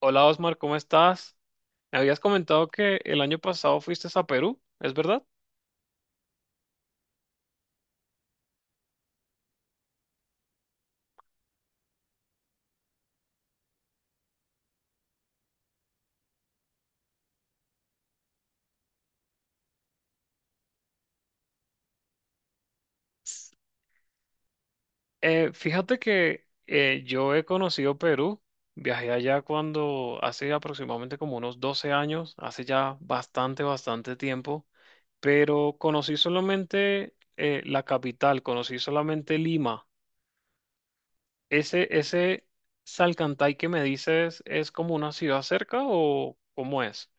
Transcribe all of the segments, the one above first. Hola, Osmar, ¿cómo estás? Me habías comentado que el año pasado fuiste a Perú, ¿es verdad? Fíjate que yo he conocido Perú, viajé allá cuando hace aproximadamente como unos 12 años, hace ya bastante, bastante tiempo, pero conocí solamente la capital, conocí solamente Lima. ¿Ese, ese Salcantay que me dices es como una ciudad cerca o cómo es?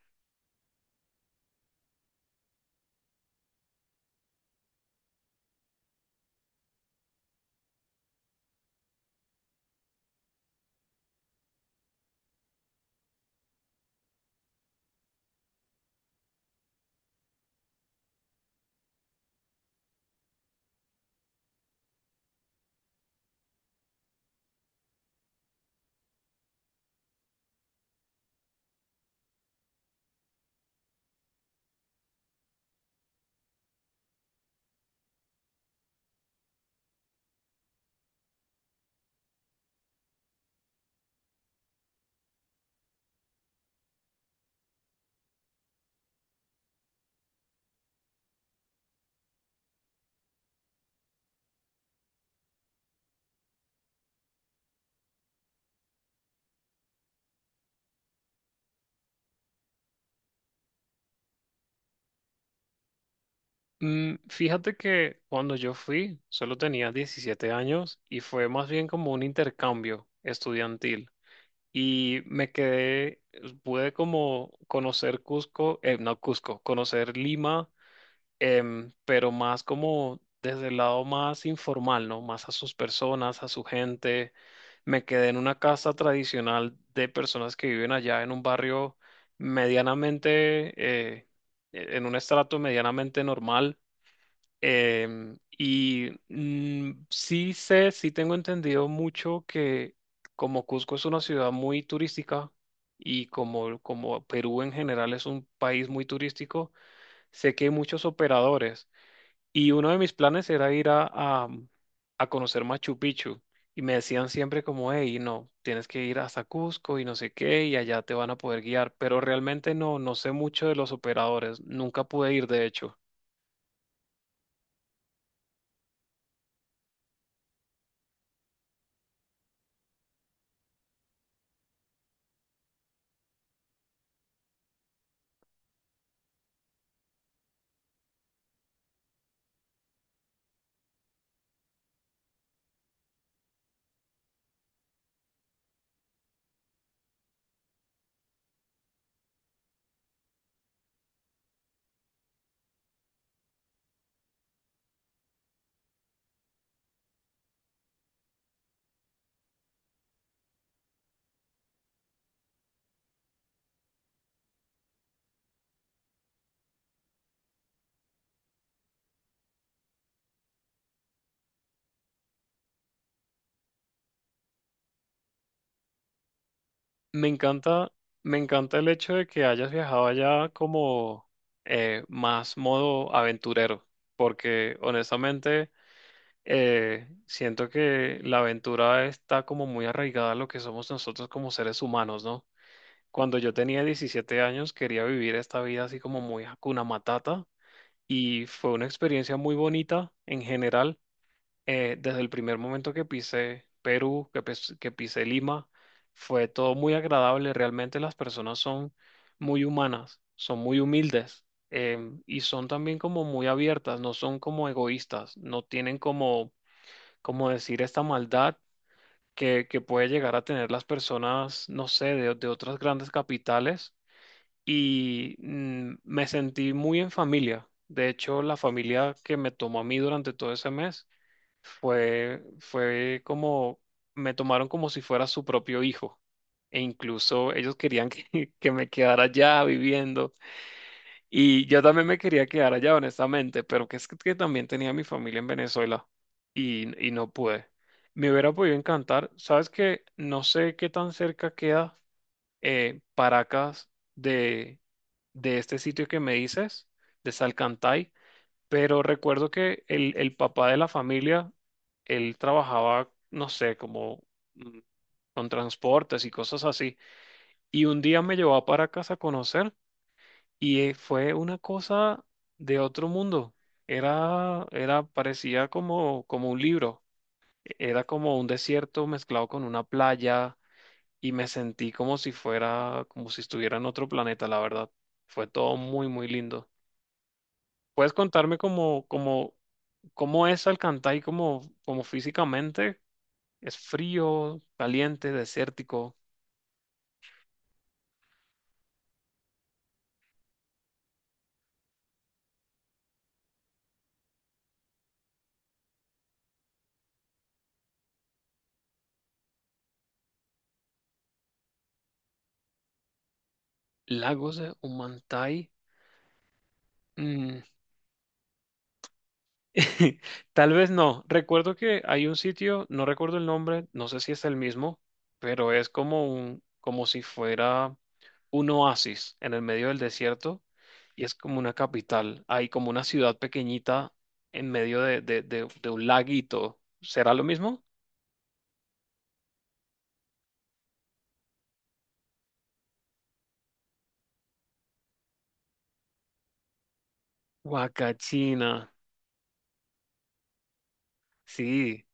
Fíjate que cuando yo fui solo tenía 17 años y fue más bien como un intercambio estudiantil. Y me quedé, pude como conocer Cusco, no Cusco, conocer Lima, pero más como desde el lado más informal, ¿no? Más a sus personas, a su gente. Me quedé en una casa tradicional de personas que viven allá en un barrio medianamente, en un estrato medianamente normal. Sí sé, sí tengo entendido mucho que como Cusco es una ciudad muy turística y como, como Perú en general es un país muy turístico, sé que hay muchos operadores. Y uno de mis planes era ir a conocer Machu Picchu. Y me decían siempre como, hey, no, tienes que ir hasta Cusco y no sé qué, y allá te van a poder guiar. Pero realmente no, no sé mucho de los operadores. Nunca pude ir, de hecho. Me encanta, me encanta el hecho de que hayas viajado allá como más modo aventurero, porque honestamente siento que la aventura está como muy arraigada a lo que somos nosotros como seres humanos, ¿no? Cuando yo tenía 17 años quería vivir esta vida así como muy Hakuna Matata, y fue una experiencia muy bonita en general. Desde el primer momento que pisé Perú, que, que pisé Lima, fue todo muy agradable. Realmente las personas son muy humanas, son muy humildes, eh, y son también como muy abiertas, no son como egoístas, no tienen como, como decir esta maldad que puede llegar a tener las personas, no sé, de otras grandes capitales. Y me sentí muy en familia. De hecho, la familia que me tomó a mí durante todo ese mes fue, fue como, me tomaron como si fuera su propio hijo. E incluso ellos querían que, que me quedara allá viviendo. Y yo también me quería quedar allá, honestamente, pero que es que, también tenía mi familia en Venezuela, y no pude. Me hubiera podido encantar. Sabes que no sé qué tan cerca queda Paracas de, de este sitio que me dices, de Salcantay. Pero recuerdo que el papá de la familia, él trabajaba, no sé, como mm, con transportes y cosas así. Y un día me llevó para casa a conocer, y fue una cosa de otro mundo. Era, era, parecía como, como un libro. Era como un desierto mezclado con una playa, y me sentí como si fuera, como si estuviera en otro planeta, la verdad. Fue todo muy, muy lindo. ¿Puedes contarme cómo, cómo, cómo es Alcantay, como como físicamente? ¿Es frío, caliente, desértico? Lagos de Humantay. Mm, Tal vez no. Recuerdo que hay un sitio, no recuerdo el nombre, no sé si es el mismo, pero es como un, como si fuera un oasis en el medio del desierto, y es como una capital. Hay como una ciudad pequeñita en medio de, de un laguito. ¿Será lo mismo? Huacachina, sí,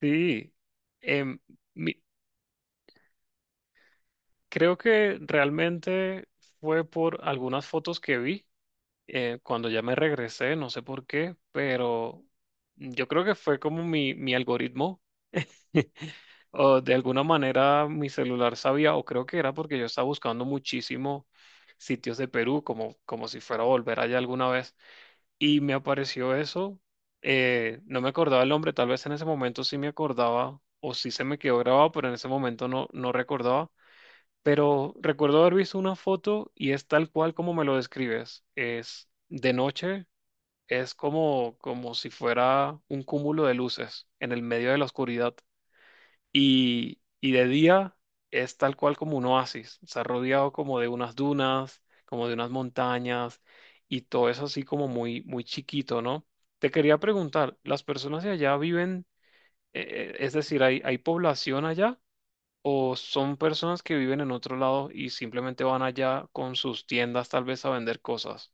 sí. Em, mi- Creo que realmente fue por algunas fotos que vi cuando ya me regresé, no sé por qué, pero yo creo que fue como mi algoritmo. O de alguna manera mi celular sabía, o creo que era porque yo estaba buscando muchísimo sitios de Perú, como, como si fuera a volver allá alguna vez, y me apareció eso. No me acordaba el nombre, tal vez en ese momento sí me acordaba o sí se me quedó grabado, pero en ese momento no, no recordaba. Pero recuerdo haber visto una foto y es tal cual como me lo describes. Es de noche, es como, como si fuera un cúmulo de luces en el medio de la oscuridad. Y de día es tal cual como un oasis, está rodeado como de unas dunas, como de unas montañas, y todo es así como muy, muy chiquito, ¿no? Te quería preguntar, ¿las personas de allá viven, eh, es decir, ¿hay, hay población allá? ¿O son personas que viven en otro lado y simplemente van allá con sus tiendas tal vez a vender cosas?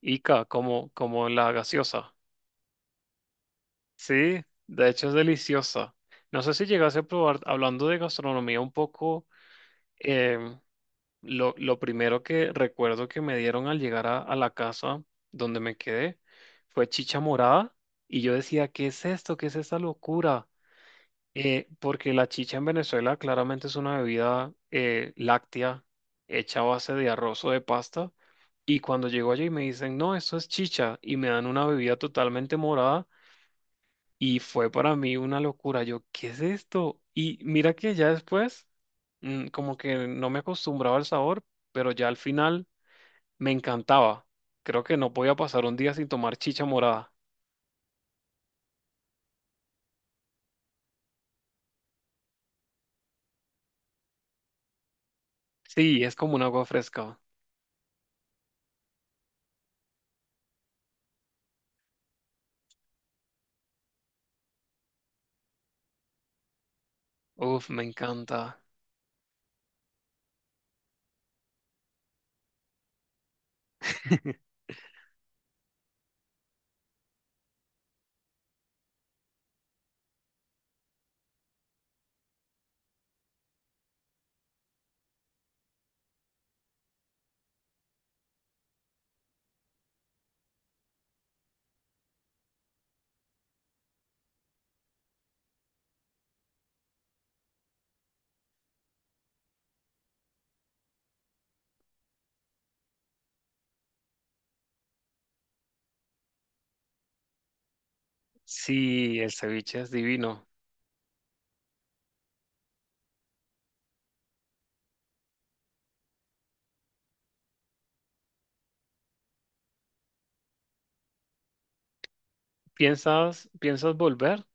Ica, como, como la gaseosa. Sí, de hecho es deliciosa. No sé si llegase a probar, hablando de gastronomía un poco. em, lo primero que recuerdo que me dieron al llegar a la casa donde me quedé fue chicha morada, y yo decía, ¿qué es esto? ¿Qué es esta locura? Porque la chicha en Venezuela claramente es una bebida láctea hecha a base de arroz o de pasta. Y cuando llego allí me dicen, no, esto es chicha y me dan una bebida totalmente morada. Y fue para mí una locura. Yo, ¿qué es esto? Y mira que ya después, como que no me acostumbraba al sabor, pero ya al final me encantaba. Creo que no podía pasar un día sin tomar chicha morada. Sí, es como un agua fresca. Uf, me encanta. Sí, el ceviche es divino. ¿Piensas, piensas volver?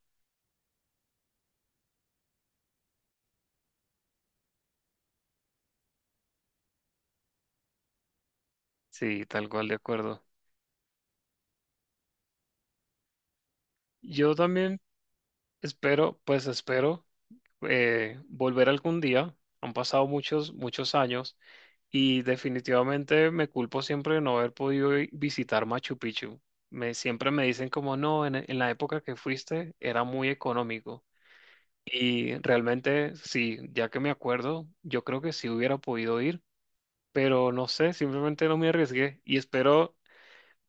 Sí, tal cual, de acuerdo. Yo también espero, pues espero volver algún día. Han pasado muchos, muchos años, y definitivamente me culpo siempre de no haber podido visitar Machu Picchu. Me, siempre me dicen como no, en la época que fuiste era muy económico. Y realmente sí, ya que me acuerdo, yo creo que sí hubiera podido ir, pero no sé, simplemente no me arriesgué. Y espero,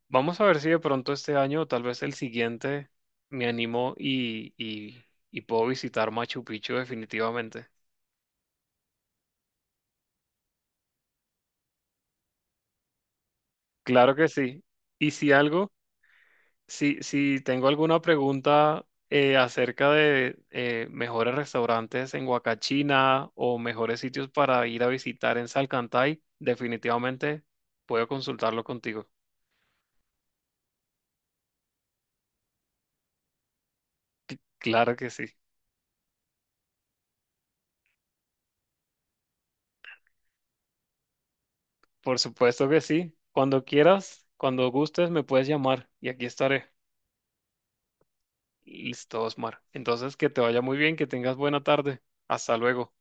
vamos a ver si de pronto este año o tal vez el siguiente me animo y puedo visitar Machu Picchu definitivamente. Claro que sí. Y si algo... Si, si tengo alguna pregunta acerca de mejores restaurantes en Huacachina o mejores sitios para ir a visitar en Salcantay, definitivamente puedo consultarlo contigo. Claro que sí. Por supuesto que sí. Cuando quieras, cuando gustes, me puedes llamar y aquí estaré. Listo, Osmar. Entonces, que te vaya muy bien, que tengas buena tarde. Hasta luego.